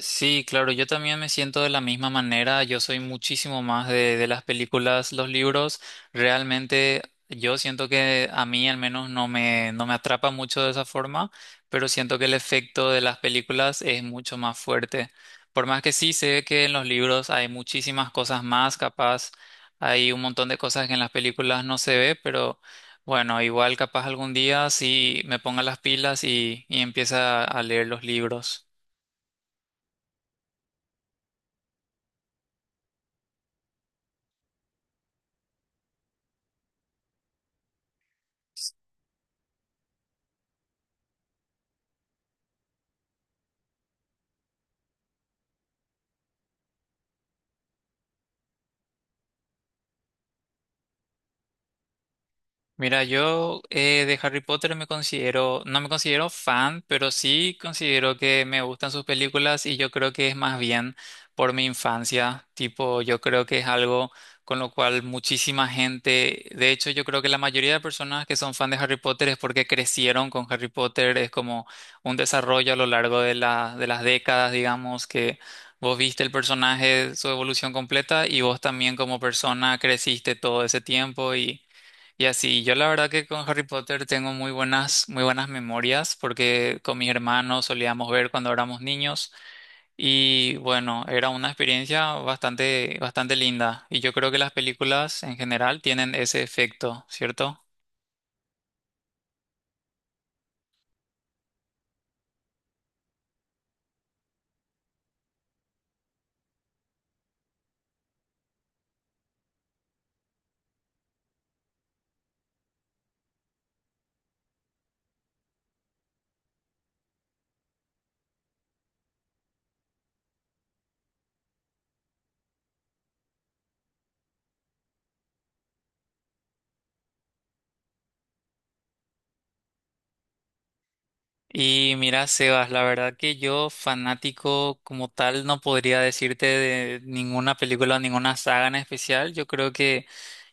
Sí, claro, yo también me siento de la misma manera. Yo soy muchísimo más de las películas. Los libros, realmente yo siento que a mí al menos no me, no me atrapa mucho de esa forma, pero siento que el efecto de las películas es mucho más fuerte. Por más que sí sé que en los libros hay muchísimas cosas más, capaz hay un montón de cosas que en las películas no se ve, pero bueno, igual capaz algún día sí me ponga las pilas y empieza a leer los libros. Mira, yo de Harry Potter me considero, no me considero fan, pero sí considero que me gustan sus películas y yo creo que es más bien por mi infancia. Tipo, yo creo que es algo con lo cual muchísima gente, de hecho, yo creo que la mayoría de personas que son fan de Harry Potter es porque crecieron con Harry Potter. Es como un desarrollo a lo largo de de las décadas, digamos, que vos viste el personaje, su evolución completa y vos también como persona creciste todo ese tiempo y así, yo la verdad que con Harry Potter tengo muy buenas memorias porque con mis hermanos solíamos ver cuando éramos niños y bueno, era una experiencia bastante, bastante linda y yo creo que las películas en general tienen ese efecto, ¿cierto? Y mira, Sebas, la verdad que yo fanático como tal no podría decirte de ninguna película o ninguna saga en especial. Yo creo que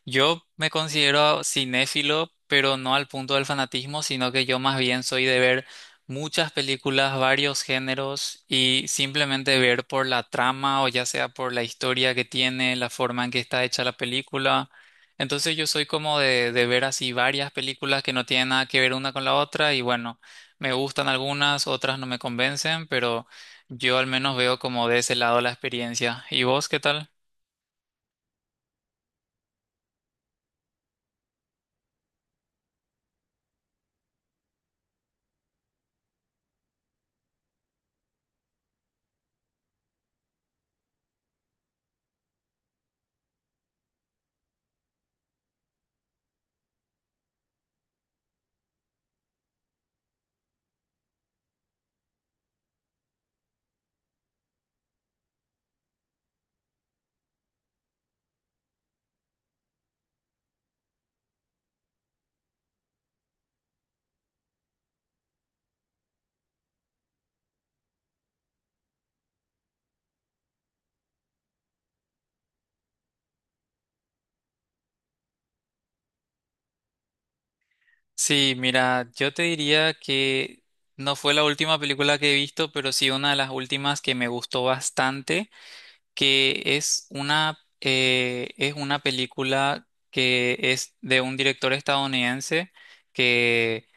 yo me considero cinéfilo, pero no al punto del fanatismo, sino que yo más bien soy de ver muchas películas, varios géneros y simplemente ver por la trama o ya sea por la historia que tiene, la forma en que está hecha la película. Entonces yo soy como de ver así varias películas que no tienen nada que ver una con la otra y bueno. Me gustan algunas, otras no me convencen, pero yo al menos veo como de ese lado la experiencia. ¿Y vos qué tal? Sí, mira, yo te diría que no fue la última película que he visto, pero sí una de las últimas que me gustó bastante, que es una película que es de un director estadounidense que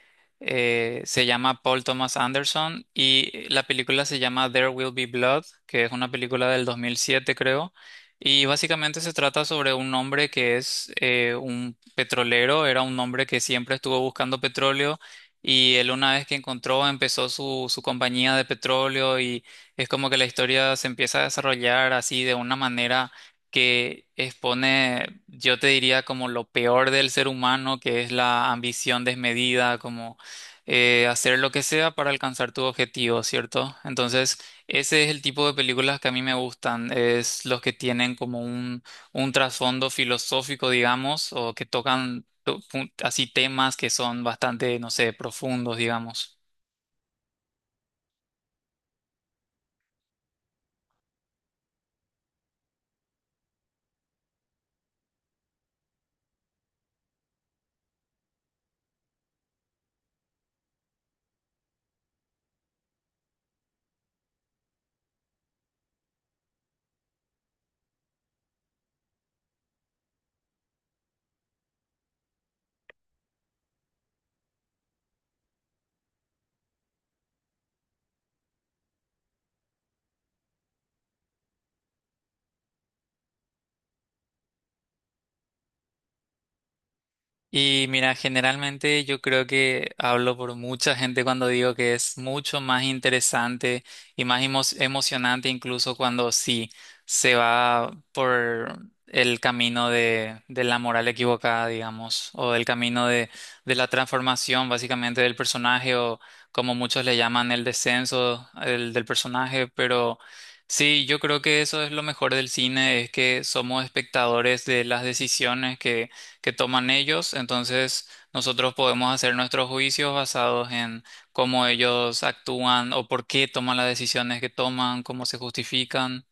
se llama Paul Thomas Anderson y la película se llama There Will Be Blood, que es una película del 2007 creo. Y básicamente se trata sobre un hombre que es un petrolero, era un hombre que siempre estuvo buscando petróleo y él una vez que encontró empezó su, su compañía de petróleo y es como que la historia se empieza a desarrollar así de una manera que expone, yo te diría, como lo peor del ser humano, que es la ambición desmedida, como hacer lo que sea para alcanzar tu objetivo, ¿cierto? Entonces, ese es el tipo de películas que a mí me gustan, es los que tienen como un trasfondo filosófico, digamos, o que tocan así temas que son bastante, no sé, profundos, digamos. Y mira, generalmente yo creo que hablo por mucha gente cuando digo que es mucho más interesante y más emocionante incluso cuando sí se va por el camino de la moral equivocada, digamos, o del camino de la transformación básicamente del personaje o como muchos le llaman el descenso del personaje, pero sí, yo creo que eso es lo mejor del cine, es que somos espectadores de las decisiones que toman ellos. Entonces nosotros podemos hacer nuestros juicios basados en cómo ellos actúan o por qué toman las decisiones que toman, cómo se justifican.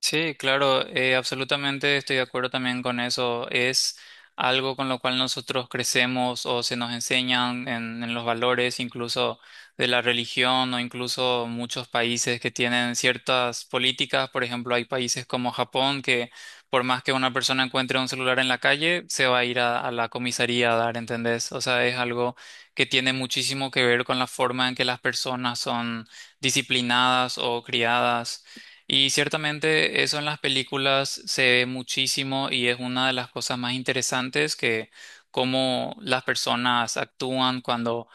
Sí, claro, absolutamente estoy de acuerdo también con eso. Es algo con lo cual nosotros crecemos o se nos enseñan en los valores, incluso de la religión o incluso muchos países que tienen ciertas políticas. Por ejemplo, hay países como Japón que por más que una persona encuentre un celular en la calle, se va a ir a la comisaría a dar, ¿entendés? O sea, es algo que tiene muchísimo que ver con la forma en que las personas son disciplinadas o criadas. Y ciertamente eso en las películas se ve muchísimo y es una de las cosas más interesantes que cómo las personas actúan cuando,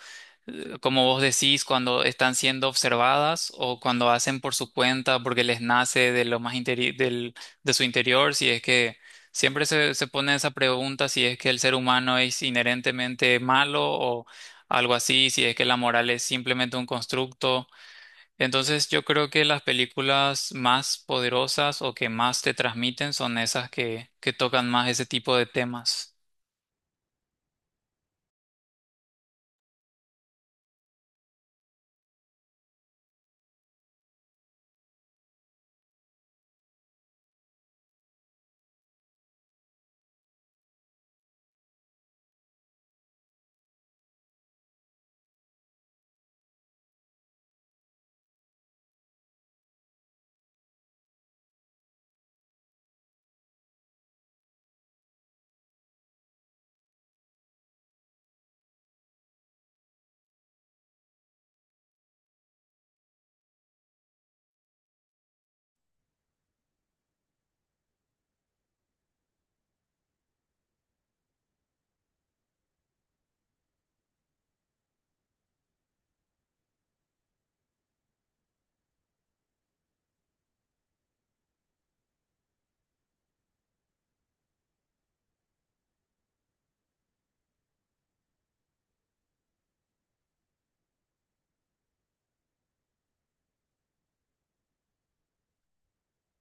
como vos decís, cuando están siendo observadas o cuando hacen por su cuenta porque les nace de lo más del, de su interior, si es que siempre se pone esa pregunta si es que el ser humano es inherentemente malo o algo así, si es que la moral es simplemente un constructo. Entonces yo creo que las películas más poderosas o que más te transmiten son esas que tocan más ese tipo de temas.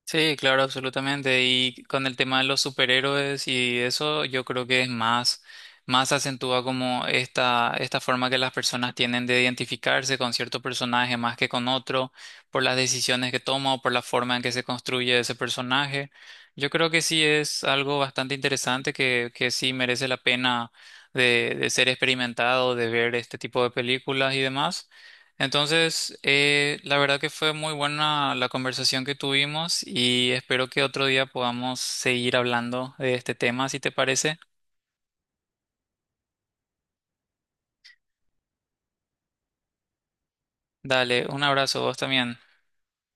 Sí, claro, absolutamente. Y con el tema de los superhéroes y eso, yo creo que es más, más acentúa como esta forma que las personas tienen de identificarse con cierto personaje más que con otro, por las decisiones que toma o por la forma en que se construye ese personaje. Yo creo que sí es algo bastante interesante que sí merece la pena de ser experimentado, de ver este tipo de películas y demás. Entonces, la verdad que fue muy buena la conversación que tuvimos y espero que otro día podamos seguir hablando de este tema, si te parece. Dale, un abrazo, vos también.